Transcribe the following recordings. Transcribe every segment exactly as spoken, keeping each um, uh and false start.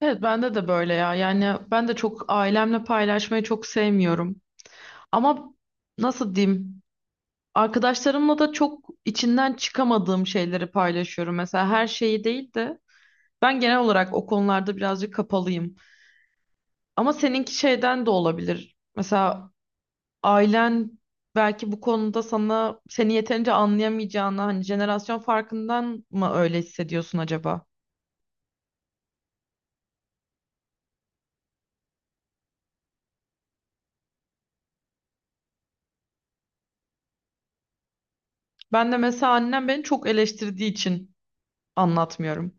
Evet, bende de böyle ya. Yani ben de çok ailemle paylaşmayı çok sevmiyorum. Ama nasıl diyeyim? Arkadaşlarımla da çok içinden çıkamadığım şeyleri paylaşıyorum. Mesela her şeyi değil de ben genel olarak o konularda birazcık kapalıyım. Ama seninki şeyden de olabilir. Mesela ailen belki bu konuda sana seni yeterince anlayamayacağını, hani jenerasyon farkından mı öyle hissediyorsun acaba? Ben de mesela annem beni çok eleştirdiği için anlatmıyorum.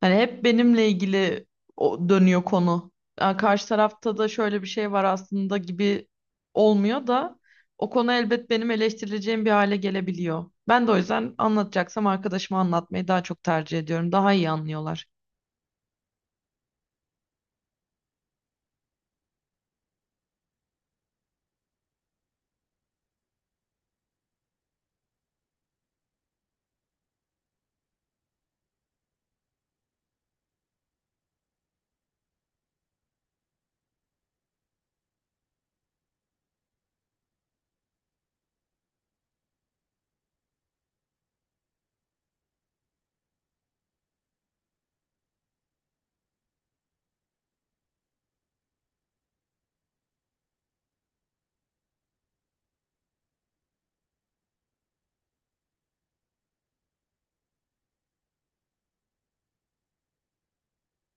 Hani hep benimle ilgili o dönüyor konu. Yani karşı tarafta da şöyle bir şey var aslında, gibi olmuyor da o konu elbet benim eleştirileceğim bir hale gelebiliyor. Ben de o yüzden anlatacaksam arkadaşıma anlatmayı daha çok tercih ediyorum. Daha iyi anlıyorlar.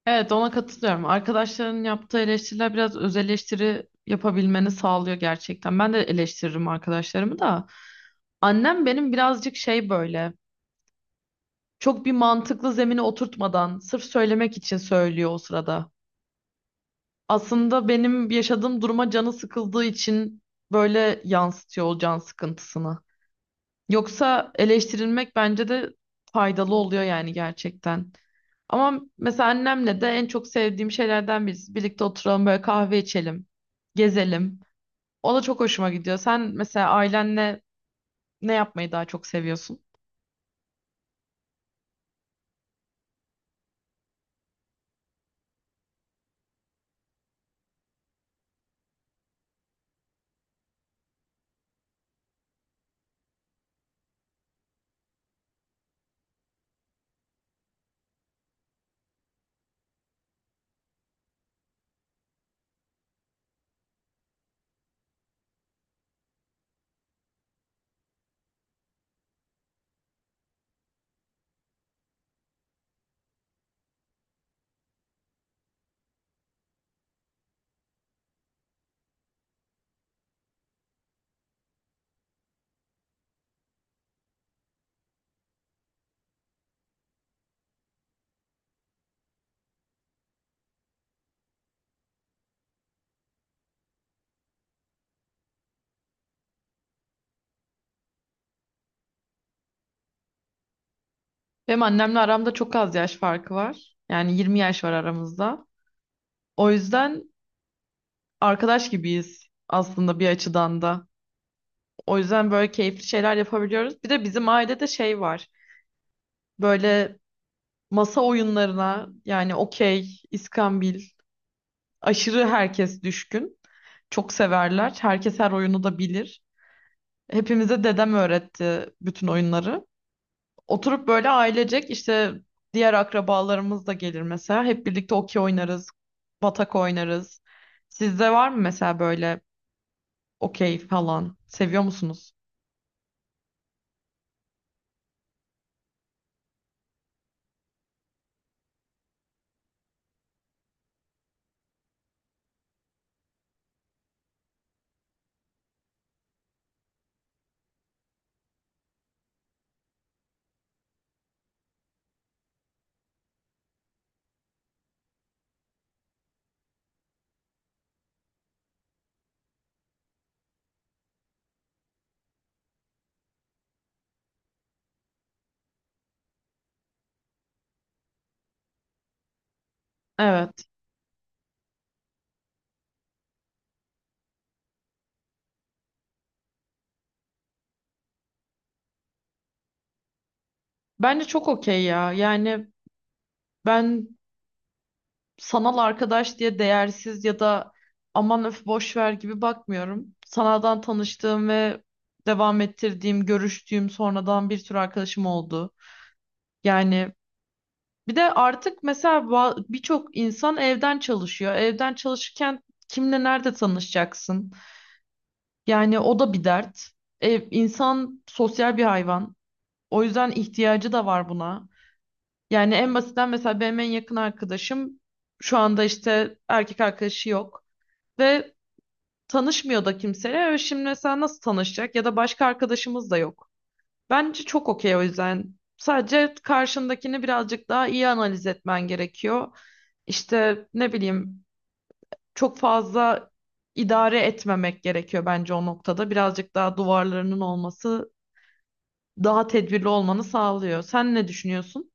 Evet, ona katılıyorum. Arkadaşların yaptığı eleştiriler biraz öz eleştiri yapabilmeni sağlıyor gerçekten. Ben de eleştiririm arkadaşlarımı da. Annem benim birazcık şey böyle. Çok bir mantıklı zemine oturtmadan sırf söylemek için söylüyor o sırada. Aslında benim yaşadığım duruma canı sıkıldığı için böyle yansıtıyor o can sıkıntısını. Yoksa eleştirilmek bence de faydalı oluyor yani gerçekten. Ama mesela annemle de en çok sevdiğim şeylerden birisi. Birlikte oturalım böyle, kahve içelim, gezelim. O da çok hoşuma gidiyor. Sen mesela ailenle ne yapmayı daha çok seviyorsun? Benim annemle aramda çok az yaş farkı var. Yani yirmi yaş var aramızda. O yüzden arkadaş gibiyiz aslında bir açıdan da. O yüzden böyle keyifli şeyler yapabiliyoruz. Bir de bizim ailede şey var. Böyle masa oyunlarına yani okey, iskambil aşırı herkes düşkün. Çok severler. Herkes her oyunu da bilir. Hepimize dedem öğretti bütün oyunları. Oturup böyle ailecek işte diğer akrabalarımız da gelir mesela. Hep birlikte okey oynarız, batak oynarız. Sizde var mı mesela böyle okey falan. Seviyor musunuz? Evet. Bence çok okey ya. Yani ben sanal arkadaş diye değersiz ya da aman, öf, boş ver gibi bakmıyorum. Sanaldan tanıştığım ve devam ettirdiğim, görüştüğüm sonradan bir sürü arkadaşım oldu. Yani bir de artık mesela ba- birçok insan evden çalışıyor. Evden çalışırken kimle nerede tanışacaksın? Yani o da bir dert. Ev, insan sosyal bir hayvan. O yüzden ihtiyacı da var buna. Yani en basitten mesela benim en yakın arkadaşım şu anda işte erkek arkadaşı yok ve tanışmıyor da kimseyle. Ve şimdi mesela nasıl tanışacak ya da başka arkadaşımız da yok. Bence çok okey o yüzden. Sadece karşındakini birazcık daha iyi analiz etmen gerekiyor. İşte ne bileyim, çok fazla idare etmemek gerekiyor bence o noktada. Birazcık daha duvarlarının olması daha tedbirli olmanı sağlıyor. Sen ne düşünüyorsun?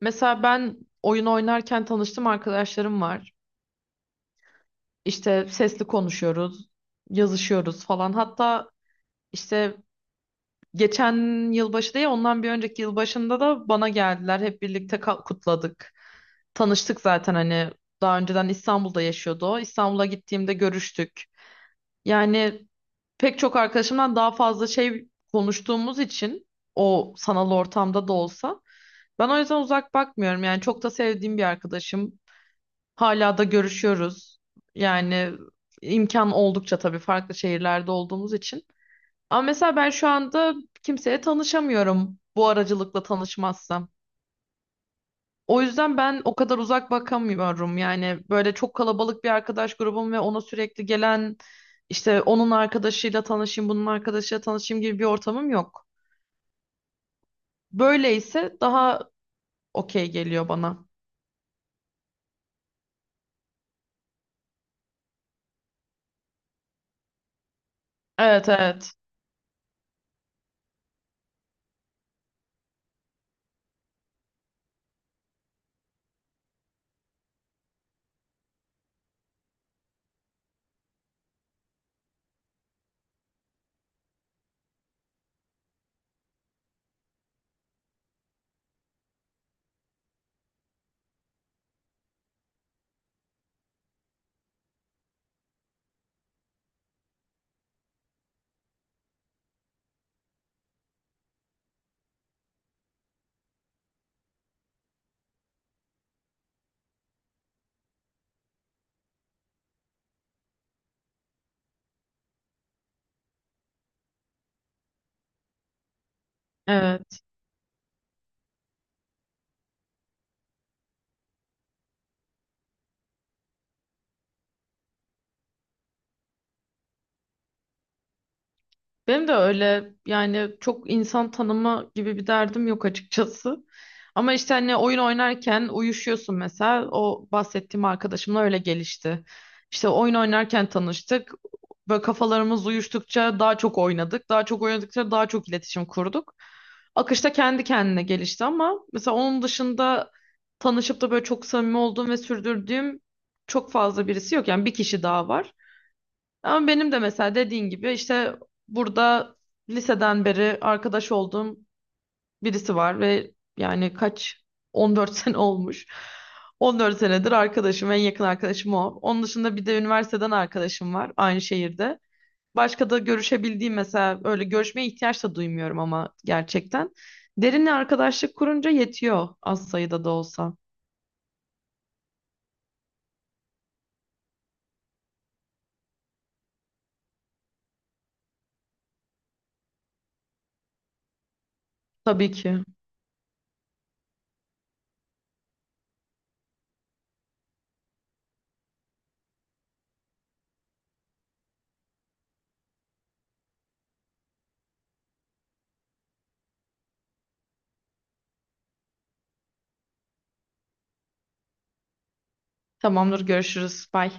Mesela ben oyun oynarken tanıştığım arkadaşlarım var. İşte sesli konuşuyoruz, yazışıyoruz falan. Hatta işte geçen yılbaşı değil, ondan bir önceki yılbaşında da bana geldiler. Hep birlikte ka- kutladık. Tanıştık zaten, hani daha önceden İstanbul'da yaşıyordu o. İstanbul'a gittiğimde görüştük. Yani pek çok arkadaşımdan daha fazla şey konuştuğumuz için o sanal ortamda da olsa ben o yüzden uzak bakmıyorum. Yani çok da sevdiğim bir arkadaşım. Hala da görüşüyoruz. Yani imkan oldukça tabii, farklı şehirlerde olduğumuz için. Ama mesela ben şu anda kimseye tanışamıyorum bu aracılıkla tanışmazsam. O yüzden ben o kadar uzak bakamıyorum. Yani böyle çok kalabalık bir arkadaş grubum ve ona sürekli gelen işte onun arkadaşıyla tanışayım, bunun arkadaşıyla tanışayım gibi bir ortamım yok. Böyleyse daha okey geliyor bana. Evet, evet. Evet. Benim de öyle, yani çok insan tanıma gibi bir derdim yok açıkçası. Ama işte hani oyun oynarken uyuşuyorsun mesela. O bahsettiğim arkadaşımla öyle gelişti. İşte oyun oynarken tanıştık. Böyle kafalarımız uyuştukça daha çok oynadık. Daha çok oynadıkça daha çok iletişim kurduk. Akışta kendi kendine gelişti, ama mesela onun dışında tanışıp da böyle çok samimi olduğum ve sürdürdüğüm çok fazla birisi yok. Yani bir kişi daha var. Ama benim de mesela dediğin gibi işte burada liseden beri arkadaş olduğum birisi var ve, yani kaç, on dört sene olmuş. on dört senedir arkadaşım, en yakın arkadaşım o. Onun dışında bir de üniversiteden arkadaşım var aynı şehirde. Başka da görüşebildiğim, mesela öyle görüşmeye ihtiyaç da duymuyorum ama gerçekten. Derinle arkadaşlık kurunca yetiyor az sayıda da olsa. Tabii ki. Tamamdır, görüşürüz. Bye.